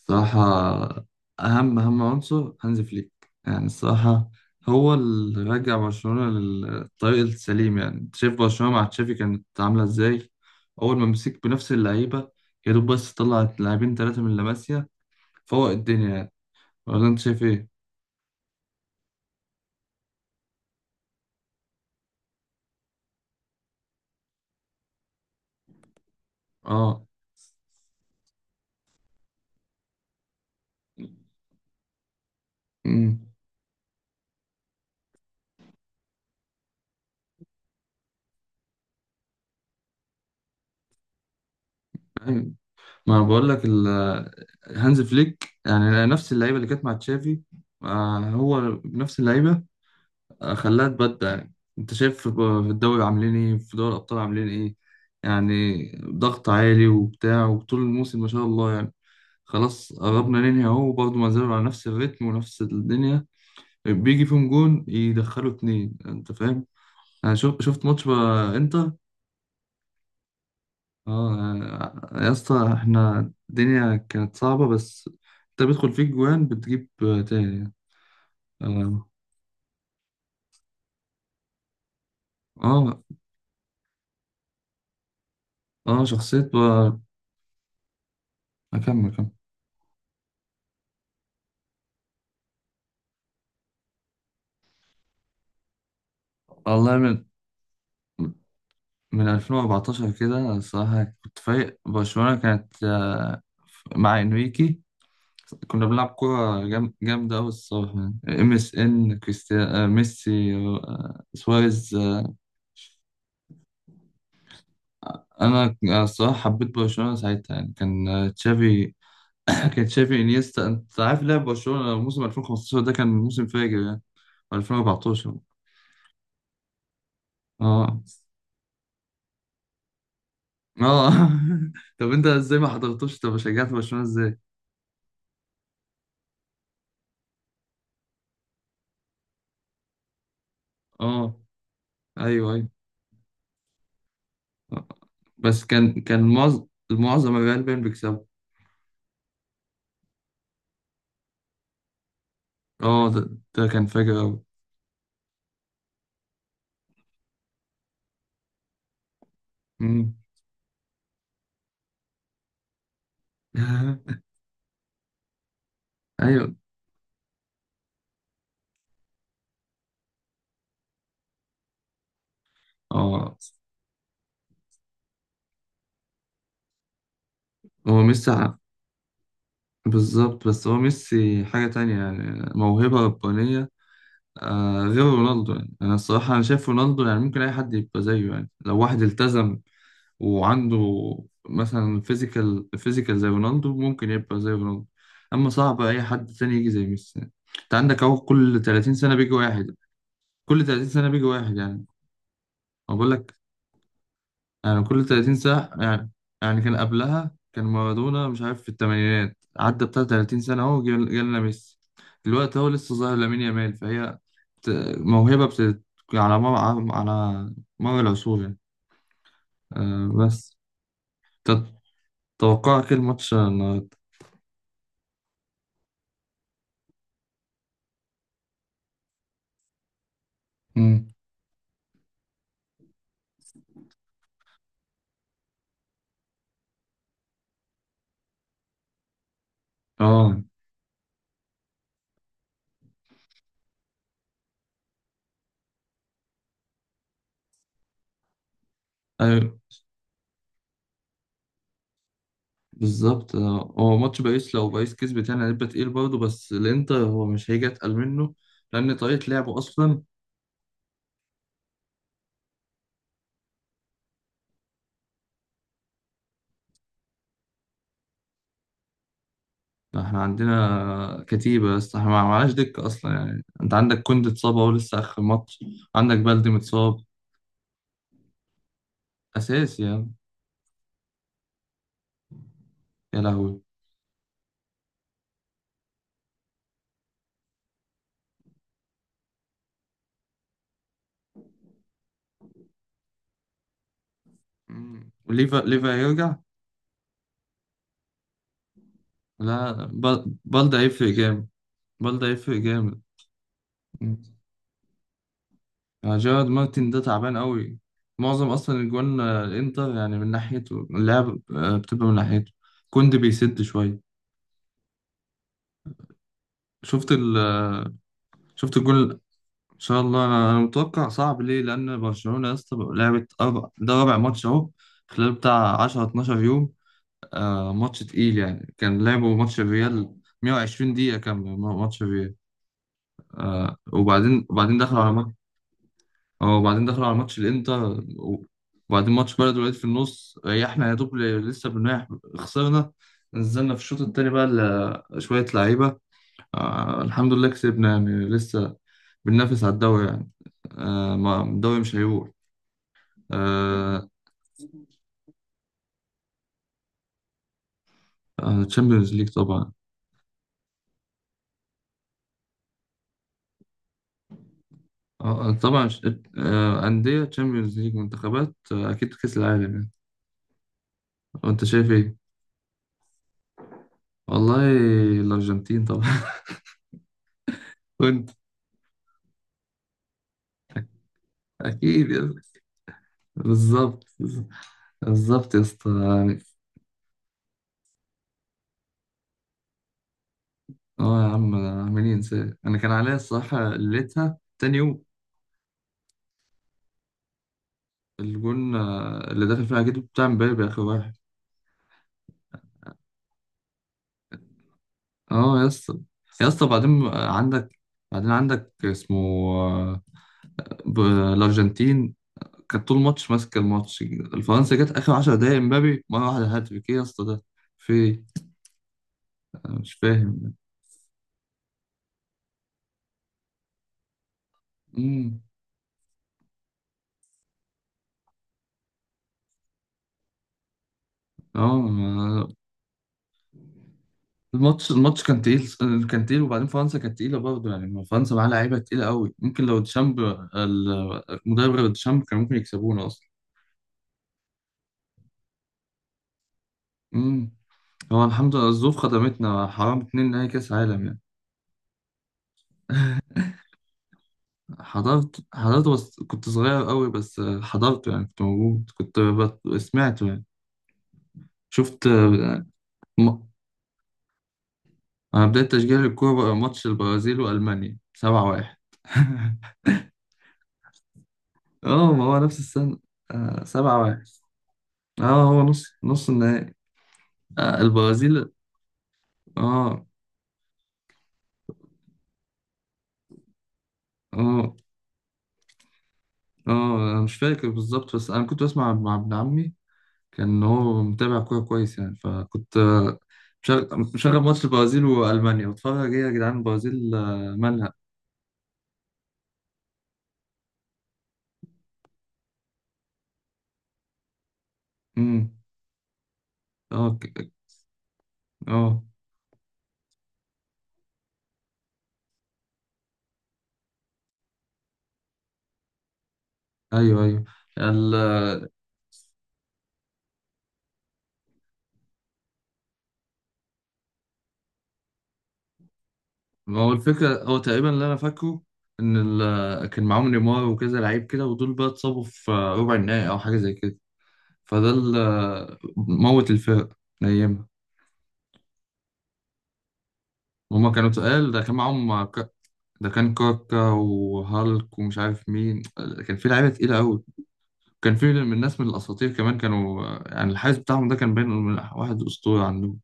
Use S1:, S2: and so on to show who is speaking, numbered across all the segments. S1: الصراحة، أهم عنصر هانز فليك. يعني الصراحة، هو اللي رجع برشلونة للطريق السليم. يعني أنت شايف برشلونة مع تشافي كانت عاملة إزاي؟ أول ما مسك بنفس اللعيبة، يا دوب بس طلع لاعبين ثلاثة من لاماسيا فوق الدنيا يعني. ولا أنت شايف إيه؟ آه. أمم. أيوة. ما أنا بقول لك هانز فليك يعني نفس اللعيبة اللي كانت مع تشافي. هو نفس اللعيبة. خلاها تبدع. يعني انت شايف في الدوري عاملين ايه، في دوري الابطال عاملين ايه؟ يعني ضغط عالي وبتاع، وطول الموسم ما شاء الله يعني. خلاص قربنا ننهي اهو، وبرضه ما زالوا على نفس الريتم ونفس الدنيا. بيجي فيهم جون يدخلوا اتنين، انت فاهم. انا شفت ماتش بقى انتر. اه، يا اسطى احنا الدنيا كانت صعبة بس. انت بيدخل فيك جوان بتجيب تاني. اه. اه. شخصية بقى. اكمل، كمل. والله، من 2014 كده الصراحة كنت فايق. برشلونة كانت مع انريكي. كنا بنلعب كورة جامدة أوي الصراحة. يعني. ام اس ان، كريستيانو، ميسي، سواريز، أنا الصراحة حبيت برشلونة ساعتها. يعني كان تشافي. كان تشافي، انيستا، أنت عارف لعب برشلونة موسم 2015. ده كان موسم فاجر يعني. 2014. اه. اه. طب أنت ازاي ما حضرتوش؟ طب شجعت برشلونة ازاي؟ اه. ايوه، ايوه. بس كان معظم الريال باين بيكسبوا. اه، ده كان فاجر أوي. مم. أيوه. اه، هو ميسي بالظبط. بس هو ميسي حاجة تانية يعني موهبة ربانية. غير رونالدو يعني. أنا الصراحة أنا شايف رونالدو يعني ممكن أي حد يبقى زيه، يعني لو واحد التزم وعنده مثلا فيزيكال زي رونالدو ممكن يبقى زي رونالدو. أما صعب أي حد تاني يجي زي ميسي يعني. أنت عندك أهو، كل 30 سنة بيجي واحد. كل 30 سنة بيجي واحد يعني. أنا بقول لك، يعني كل 30 ساعة يعني. يعني كان قبلها كان مارادونا، مش عارف في الثمانينات عدى بتاع 30 سنة أهو جالنا ميسي. دلوقتي أهو لسه ظاهر لامين يامال، فهي بت- موهبة على مر على مر العصور يعني. أه بس. تت- توقعك إيه الماتش النهاردة؟ مم. اه. ايوه، بالظبط. هو ماتش باريس لو باريس كسبت يعني هيبقى تقيل برضه، بس الانتر هو مش هيجي اتقل منه. لان طريقه لعبه اصلا. احنا عندنا كتيبة، بس احنا ما معناش دكة اصلا. يعني انت عندك كوندي اتصاب اهو لسه اخر ماتش. عندك بلدي متصاب، اساسي يعني. يا لهوي. مم. وليفا، هيرجع. لا، بلدي هيفرق جامد. بلدي هيفرق جامد. مم. يعني جيرارد مارتن ده تعبان قوي. معظم اصلا الجوان، الانتر يعني من ناحيته اللعب، بتبقى من ناحيته. كوندي بيسد شوية. شفت ال آه، شفت الجون. ان شاء الله، انا متوقع صعب. ليه؟ لان برشلونه يا اسطى بقى لعبت أربع، ده رابع ماتش اهو، خلال بتاع 10 12 يوم. آه، ماتش تقيل يعني. كان لعبوا ماتش الريال، 120 دقيقه كامله ماتش الريال. آه، وبعدين دخلوا على ماتش. اه، وبعدين دخلوا على ماتش الانتر. وبعدين ماتش بلد الوليد في النص، ريحنا يا دوب لسه بنريح. خسرنا. نزلنا في الشوط التاني بقى شويه لعيبه. آه، الحمد لله كسبنا، يعني لسه بننافس على الدوري يعني. آه، ما الدوري مش هيروح. آه تشامبيونز ليج طبعا. طبعا أندية تشامبيونز ليج، منتخبات، أكيد كأس العالم يعني. وأنت شايف إيه؟ والله، الأرجنتين طبعا. وأنت. أكيد يا اسطى. بالظبط. بالظبط يا اسطى يعني. أه يا عم، عاملين إنسان، أنا كان عليا الصراحة ليتها تاني يوم. الجون اللي دخل فيها أكيد بتاع مبابي آخر واحد. أه يا اسطى. يا اسطى بعدين، آه، عندك بعدين عندك اسمه، آه، ب- الأرجنتين كانت طول الماتش ماسكه الماتش، الفرنسا جت اخر 10 دقايق امبابي مره واحده هاتريك، ايه يا اسطى ده؟ في إيه؟ انا مش فاهم. امم. اه، الماتش كان تقيل. كان تقيل، وبعدين فرنسا كانت تقيله برضه يعني. ما فرنسا معاها لعيبه تقيله قوي، ممكن لو ديشامب المدرب غير ديشامب كان ممكن يكسبونا اصلا. امم. هو الحمد لله الظروف خدمتنا. حرام اتنين نهائي كاس عالم يعني. حضرته بس كنت صغير قوي. بس حضرته، يعني كنت موجود، كنت سمعته يعني. شفت. انا بدأت تشجيع الكورة بقى ماتش البرازيل والمانيا 7-1. اه، ما هو نفس السنة. آه، 7-1. اه، هو نص النهائي. آه، البرازيل. اه. اه. اه. انا مش فاكر بالظبط، بس انا كنت بسمع مع ابن عمي. كان هو متابع كورة كويس يعني، فكنت مشغل ماتش البرازيل والمانيا واتفرج. ايه يا جدعان البرازيل مالها؟ امم. اه. اه. ايوه، ايوه. ما هو الفكرة هو تقريبا اللي أنا فاكره، إن كان معاهم نيمار وكذا لعيب كده، ودول بقى اتصابوا في ربع النهائي أو حاجة زي كده. فده اللي موت الفرق أيامها. هما كانوا تقال، ده كان معاهم ده كان كاكا وهالك ومش عارف مين، كان في لعيبة تقيلة أوي. كان في من الناس من الأساطير كمان كانوا، يعني الحارس بتاعهم ده كان باين إنه من واحد أسطورة عندهم.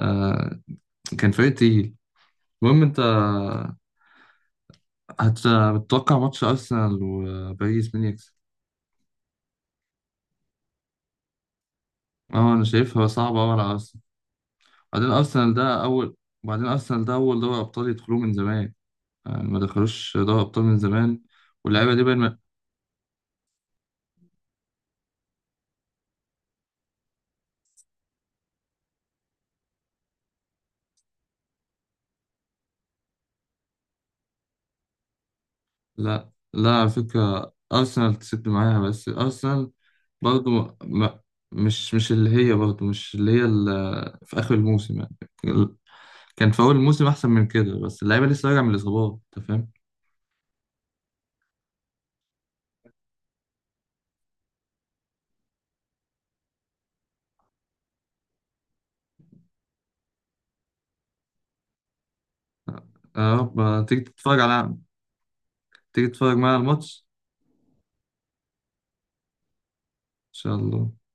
S1: آه، كان فريق تقيل. المهم أنت، هتتوقع ماتش أرسنال وباريس مين يكسب؟ اه، انا شايفها صعبة أوي على أرسنال. بعدين أرسنال ده أول بعدين أرسنال ده أول دوري أبطال يدخلوه من زمان. يعني ما دخلوش دوري أبطال من زمان. واللعيبة دي باين ما. لا، لا، على فكرة أرسنال تسد معاها. بس أرسنال، برضه ما... ما... مش اللي هي، برضه مش اللي هي في آخر الموسم يعني. كان في أول الموسم أحسن من كده، بس اللعيبة لسه راجعة من الإصابات. أنت فاهم؟ يا رب تيجي تتفرج معايا على الماتش. إن شاء الله.